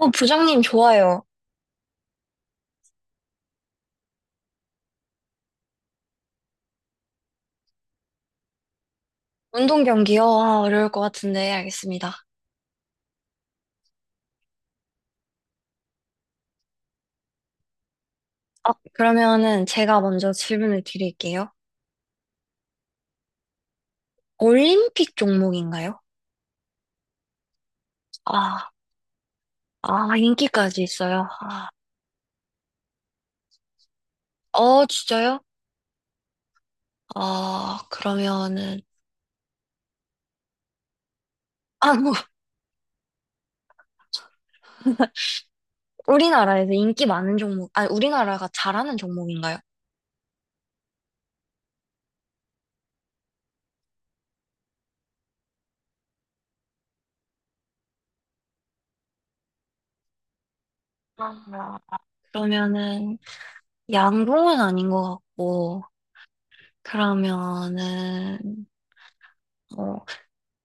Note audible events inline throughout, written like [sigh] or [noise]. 어, 부장님 좋아요. 운동 경기요? 아, 어려울 것 같은데 알겠습니다. 아, 그러면은 제가 먼저 질문을 드릴게요. 올림픽 종목인가요? 아, 아, 인기까지 있어요. 아, 진짜요? 아, 그러면은 아, 뭐 우리나라에서 인기 많은 종목, 아니 우리나라가 잘하는 종목인가요? 아, 그러면은 양궁은 아닌 것 같고 그러면은 어,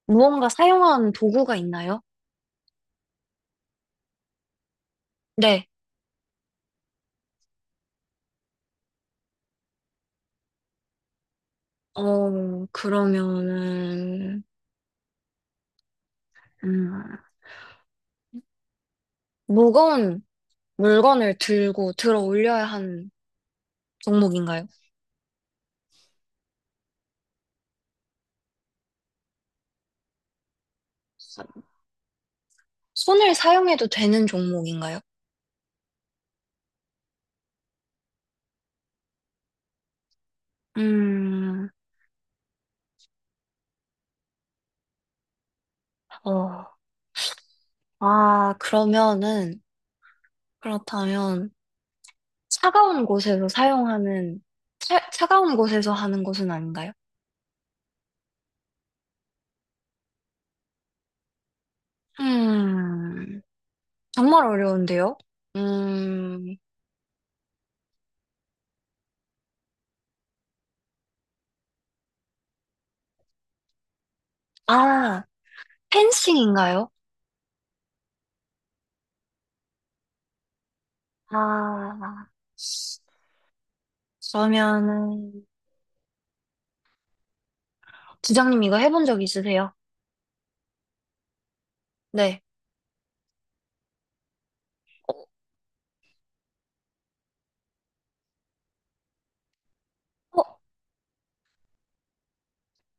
무언가 사용하는 도구가 있나요? 네. 어, 그러면은, 음, 무거운 물건을 들고 들어 올려야 하는 종목인가요? 손을 사용해도 되는 종목인가요? 음, 어, 아, 그러면은, 그렇다면, 차가운 곳에서 사용하는, 차가운 곳에서 하는 것은 아닌가요? 음, 정말 어려운데요? 음, 아, 펜싱인가요? 아, 그러면은, 지장님 이거 해본 적 있으세요? 네. 어, 어,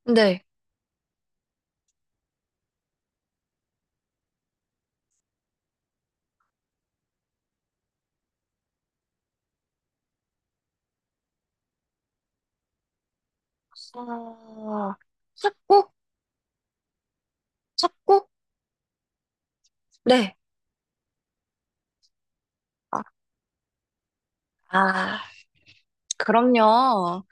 네. 아, 찾고? 찾고? 네. 아, 아, 그럼요.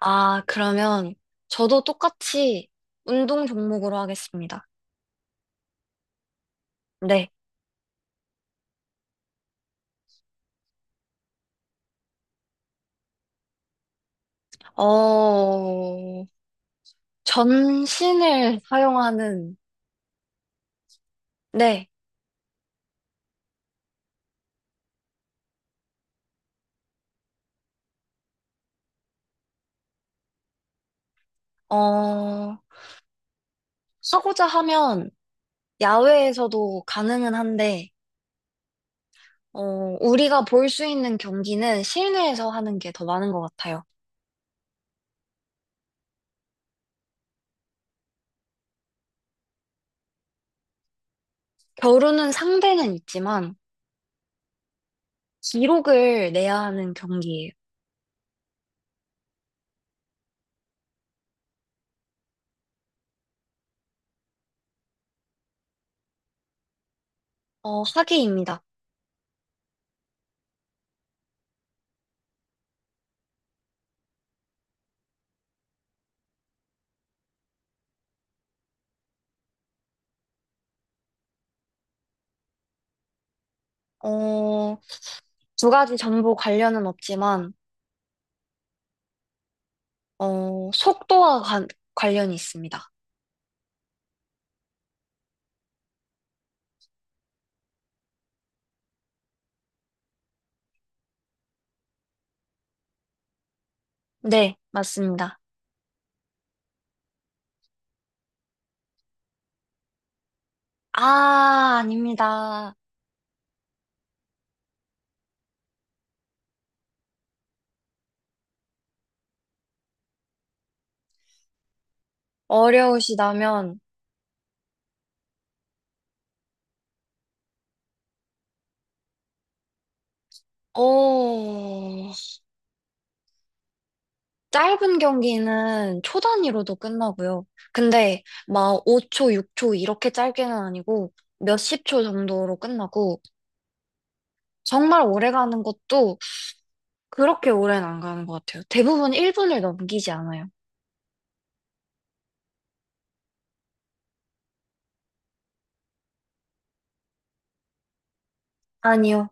아, 그러면 저도 똑같이 운동 종목으로 하겠습니다. 네. 어, 전신을 사용하는, 네. 어, 하고자 하면 야외에서도 가능은 한데, 어, 우리가 볼 수 있는 경기는 실내에서 하는 게 더 많은 것 같아요. 결혼은 상대는 있지만 기록을 내야 하는 경기예요. 어, 학위입니다. 어, 두 가지 정보 관련은 없지만 어, 속도와 관련이 있습니다. 네, 맞습니다. 아, 아닙니다. 어려우시다면 어, 짧은 경기는 초 단위로도 끝나고요. 근데 막 5초, 6초 이렇게 짧게는 아니고 몇십 초 정도로 끝나고 정말 오래 가는 것도 그렇게 오래는 안 가는 것 같아요. 대부분 1분을 넘기지 않아요. 아니요.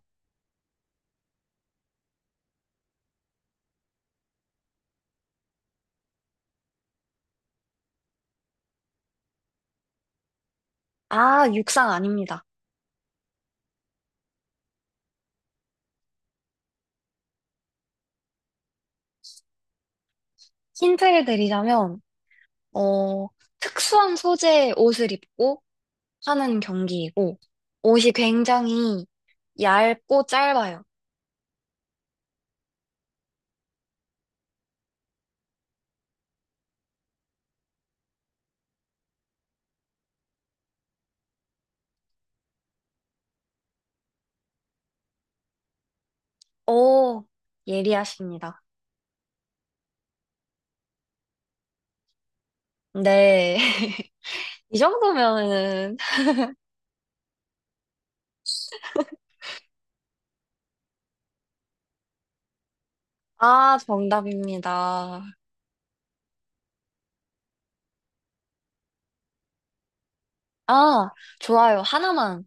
아, 육상 아닙니다. 힌트를 드리자면, 어, 특수한 소재의 옷을 입고 하는 경기이고, 옷이 굉장히 얇고 짧아요. 오, 예리하십니다. 네. [laughs] 이 정도면은, 아, 정답입니다. 아, 좋아요. 하나만.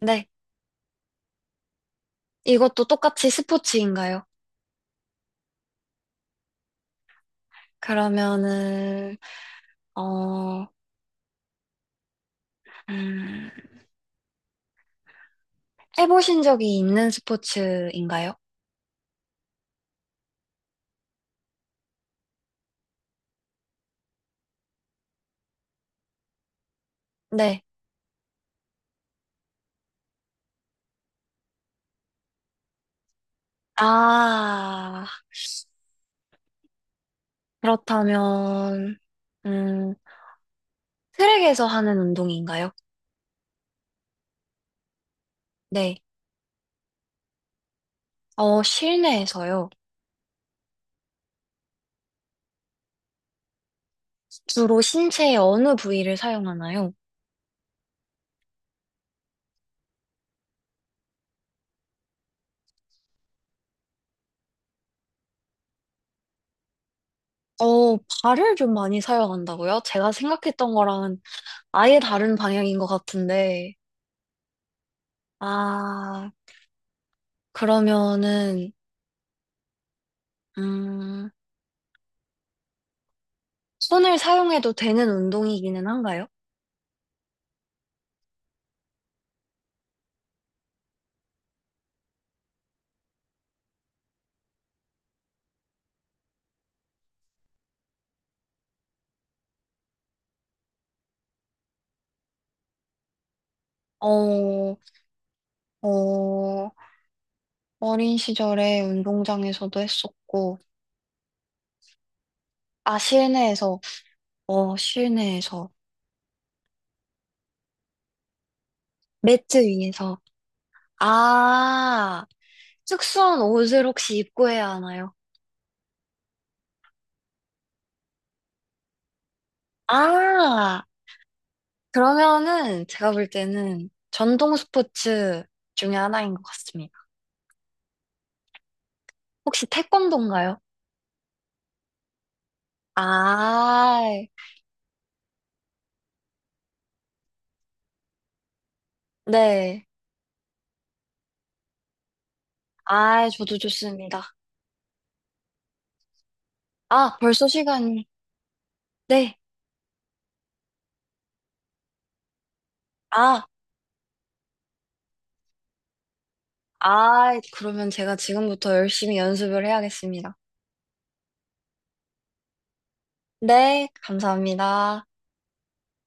네. 이것도 똑같이 스포츠인가요? 그러면은, 어, 음, 해보신 적이 있는 스포츠인가요? 네. 아, 그렇다면, 음, 트랙에서 하는 운동인가요? 네. 어, 실내에서요. 주로 신체의 어느 부위를 사용하나요? 어, 발을 좀 많이 사용한다고요? 제가 생각했던 거랑은 아예 다른 방향인 것 같은데. 아, 그러면은, 음, 손을 사용해도 되는 운동이기는 한가요? 어, 어, 어린 시절에 운동장에서도 했었고, 아, 실내에서, 어, 실내에서, 매트 위에서. 아, 특수한 옷을 혹시 입고 해야 하나요? 아, 그러면은 제가 볼 때는 전동 스포츠 중에 하나인 것 같습니다. 혹시 태권도인가요? 아, 네. 아, 저도 좋습니다. 아, 벌써 시간이. 네. 아. 아, 그러면 제가 지금부터 열심히 연습을 해야겠습니다. 네, 감사합니다.